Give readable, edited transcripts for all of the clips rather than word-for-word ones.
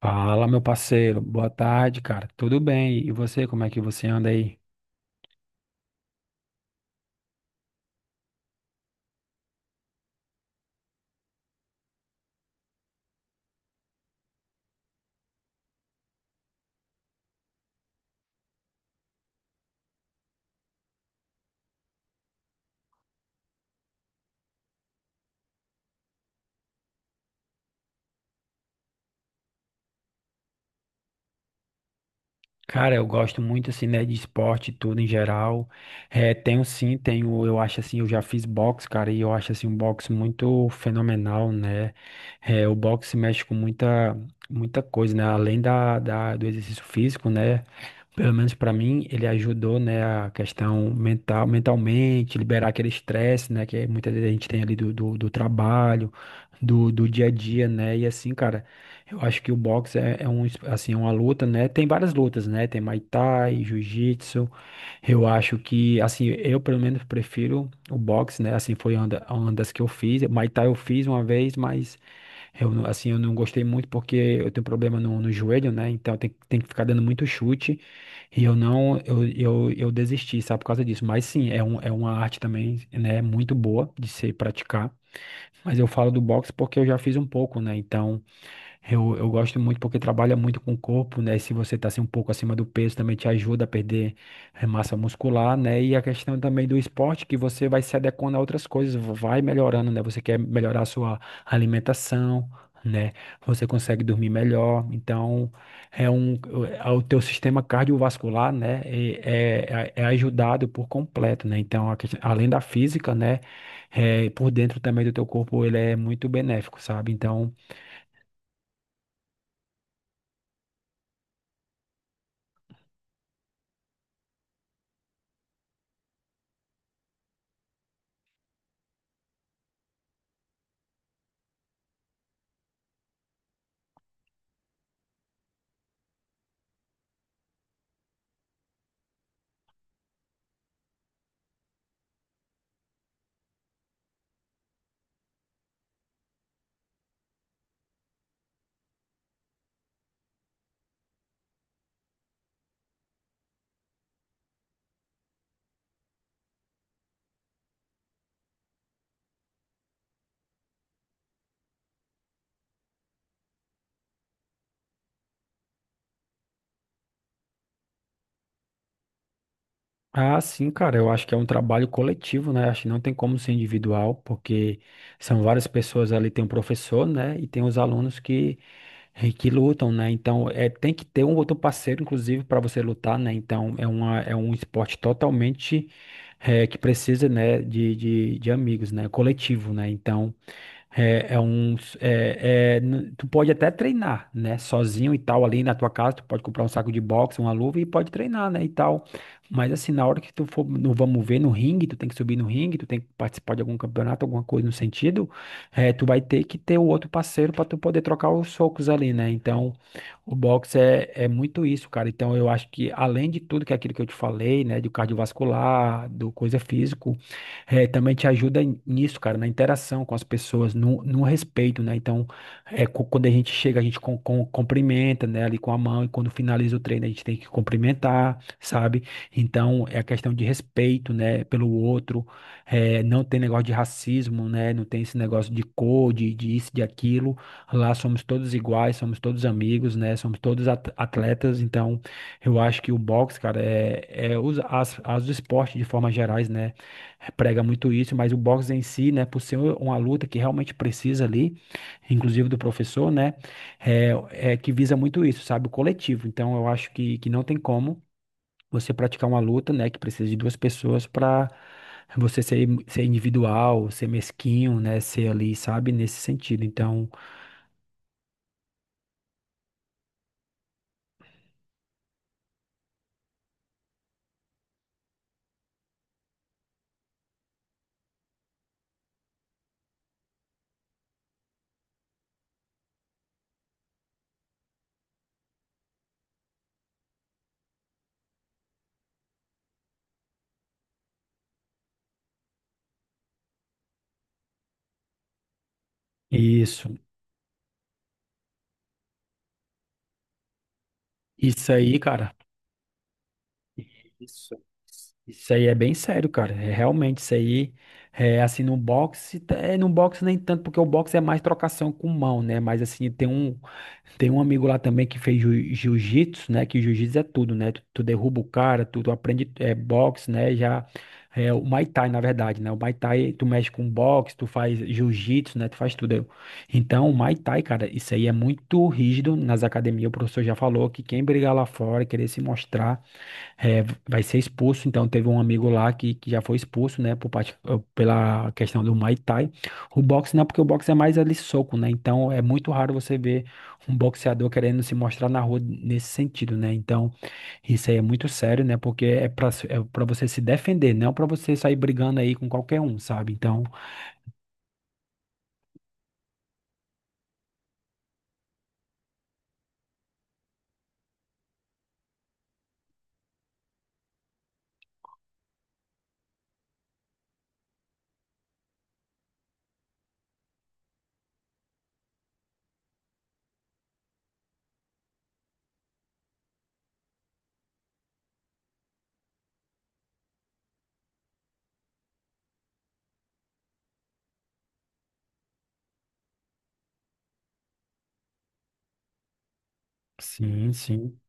Fala, meu parceiro. Boa tarde, cara. Tudo bem? E você, como é que você anda aí? Cara, eu gosto muito assim, né, de esporte, e tudo em geral. É, tenho sim, eu acho assim, eu já fiz boxe, cara, e eu acho assim um boxe muito fenomenal, né? É, o boxe mexe com muita, muita coisa, né? Além do exercício físico, né? Pelo menos pra mim, ele ajudou, né, a questão mental, mentalmente, liberar aquele estresse, né, que muita vezes a gente tem ali do trabalho, do dia a dia, né? E assim, cara. Eu acho que o boxe é um, assim, é uma luta, né? Tem várias lutas, né? Tem Muay Thai, Jiu-Jitsu. Eu acho que, assim, eu pelo menos prefiro o boxe, né? Assim, foi uma das que eu fiz. Muay Thai eu fiz uma vez, mas eu, não- assim, eu não gostei muito porque eu tenho problema no joelho, né? Então tem que ficar dando muito chute. E eu não, eu desisti, sabe, por causa disso. Mas sim, é uma arte também, né? Muito boa de se praticar. Mas eu falo do boxe porque eu já fiz um pouco, né? Então. Eu gosto muito porque trabalha muito com o corpo, né? Se você tá assim, um pouco acima do peso, também te ajuda a perder massa muscular, né? E a questão também do esporte, que você vai se adequando a outras coisas, vai melhorando, né? Você quer melhorar a sua alimentação, né? Você consegue dormir melhor. Então, é um, é o teu sistema cardiovascular, né? É ajudado por completo, né? Então, além da física, né? Por dentro também do teu corpo, ele é muito benéfico, sabe? Então. Ah, sim, cara, eu acho que é um trabalho coletivo, né? Acho que não tem como ser individual, porque são várias pessoas ali, tem um professor, né? E tem os alunos que lutam, né? Então, é, tem que ter um outro parceiro, inclusive, para você lutar, né? Então, é um esporte totalmente, que precisa, né, de amigos, né? Coletivo, né? Então, é, é um, tu pode até treinar, né? Sozinho e tal, ali na tua casa, tu pode comprar um saco de boxe, uma luva e pode treinar, né? E tal. Mas assim, na hora que tu for no vamos ver, no ringue, tu tem que subir no ringue, tu tem que participar de algum campeonato, alguma coisa no sentido, é, tu vai ter que ter o outro parceiro para tu poder trocar os socos ali, né? Então, o boxe é muito isso, cara. Então, eu acho que além de tudo que é aquilo que eu te falei, né? Do cardiovascular, do coisa física é, também te ajuda nisso, cara, na interação com as pessoas, no respeito, né? Então, é, quando a gente chega, a gente cumprimenta, né, ali com a mão, e quando finaliza o treino, a gente tem que cumprimentar, sabe? Então, é a questão de respeito, né, pelo outro, é, não tem negócio de racismo, né? Não tem esse negócio de cor, de isso, de aquilo. Lá somos todos iguais, somos todos amigos, né? Somos todos atletas, então, eu acho que o boxe, cara, é, é os, as esportes de forma gerais, né? Prega muito isso, mas o boxe em si, né, por ser uma luta que realmente precisa ali, inclusive do professor, né, é que visa muito isso, sabe, o coletivo. Então, eu acho que não tem como você praticar uma luta, né, que precisa de duas pessoas para você ser individual, ser mesquinho, né, ser ali, sabe, nesse sentido. Então, isso, isso aí, cara. Isso. Isso aí é bem sério, cara. É, realmente, isso aí é assim no boxe, é no boxe nem tanto, porque o boxe é mais trocação com mão, né? Mas assim, tem um amigo lá também que fez jiu-jitsu, né? Que jiu-jitsu é tudo, né? Tu derruba o cara, tu aprende é, boxe, né? Já é o Muay Thai, na verdade, né? O Muay Thai, tu mexe com boxe, tu faz jiu-jitsu, né? Tu faz tudo. Então, o Muay Thai, cara, isso aí é muito rígido nas academias. O professor já falou que quem brigar lá fora, e querer se mostrar é, vai ser expulso, então teve um amigo lá que já foi expulso, né, por parte, pela questão do Muay Thai. O boxe não, porque o boxe é mais ali soco, né, então é muito raro você ver um boxeador querendo se mostrar na rua nesse sentido, né, então isso aí é muito sério, né, porque é pra você se defender, não pra você sair brigando aí com qualquer um, sabe, então, sim, sim.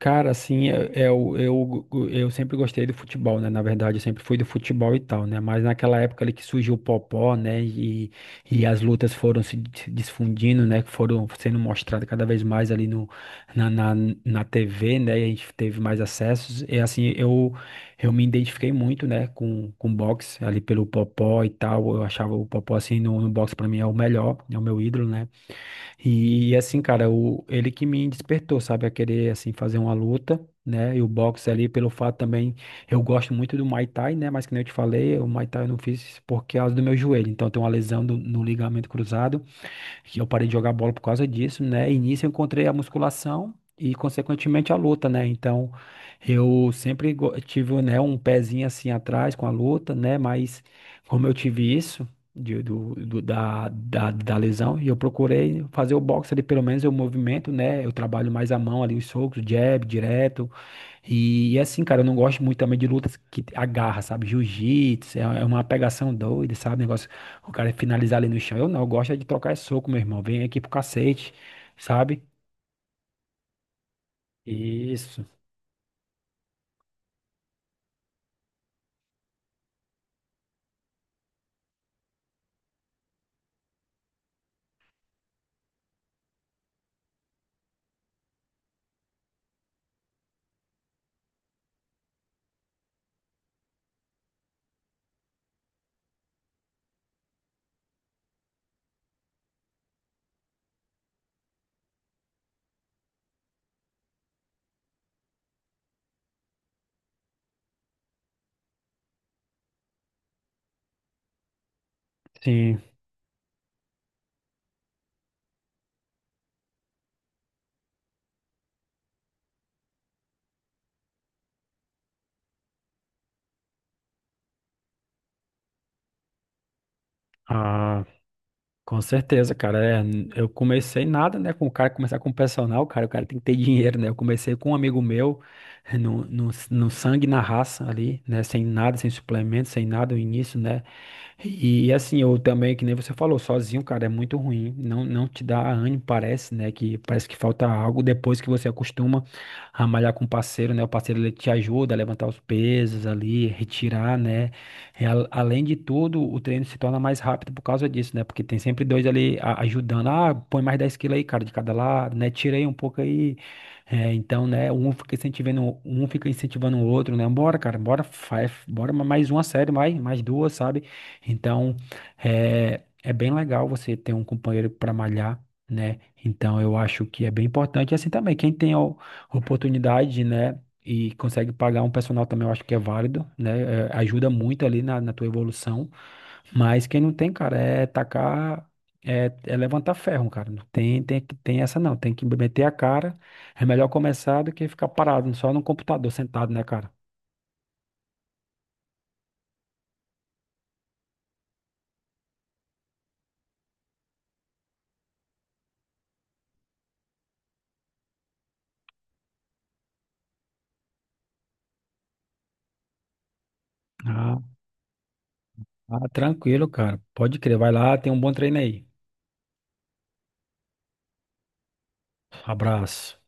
Cara, assim, eu sempre gostei do futebol, né? Na verdade, eu sempre fui do futebol e tal, né? Mas naquela época ali que surgiu o Popó, né? E as lutas foram se difundindo, né? Que foram sendo mostradas cada vez mais ali no, na, na, na TV, né? E a gente teve mais acessos. E assim, eu me identifiquei muito, né? Com boxe, ali pelo Popó e tal. Eu achava o Popó, assim, no boxe pra mim é o melhor, é o meu ídolo, né? E, assim, cara, ele que me despertou, sabe, a querer, assim, fazer uma luta, né, e o boxe ali, pelo fato também, eu gosto muito do Muay Thai, né, mas que nem eu te falei, o Muay Thai eu não fiz por causa do meu joelho, então tem uma lesão no ligamento cruzado, que eu parei de jogar bola por causa disso, né? E nisso eu encontrei a musculação e, consequentemente, a luta, né? Então, eu sempre tive, né, um pezinho assim atrás com a luta, né? Mas como eu tive isso da lesão, e eu procurei fazer o boxe ali, pelo menos o movimento, né? Eu trabalho mais a mão ali, os socos, jab, direto, e assim, cara, eu não gosto muito também de lutas que agarra, sabe? Jiu-jitsu, é uma pegação doida, sabe? Negócio, o cara finalizar ali no chão. Eu não, eu gosto é de trocar esse soco, meu irmão. Vem aqui pro cacete, sabe? Isso, sim. Ah, com certeza, cara. É, eu comecei nada, né? Com o cara começar com o personal, cara, o cara tem que ter dinheiro, né? Eu comecei com um amigo meu, no sangue, e na raça ali, né? Sem nada, sem suplemento, sem nada, no início, né? E assim, eu também, que nem você falou, sozinho, cara, é muito ruim. Não, não te dá ânimo, parece, né? Que parece que falta algo depois que você acostuma a malhar com o parceiro, né? O parceiro ele te ajuda a levantar os pesos ali, retirar, né? E além de tudo, o treino se torna mais rápido por causa disso, né? Porque tem sempre dois ali ajudando. Ah, põe mais 10 quilos aí, cara, de cada lado, né? Tirei um pouco aí. É, então, né, um fica incentivando o outro, né? Bora, cara, bora, faz, bora mais uma série, mais duas, sabe? Então, é bem legal você ter um companheiro para malhar, né? Então, eu acho que é bem importante. E assim também, quem tem a oportunidade, né? E consegue pagar um personal também, eu acho que é válido, né? É, ajuda muito ali na tua evolução. Mas quem não tem, cara, é tacar. É levantar ferro, cara. Não tem essa não. Tem que meter a cara. É melhor começar do que ficar parado só no computador, sentado, né, cara? Ah, ah, tranquilo, cara. Pode crer. Vai lá, tem um bom treino aí. Abraço.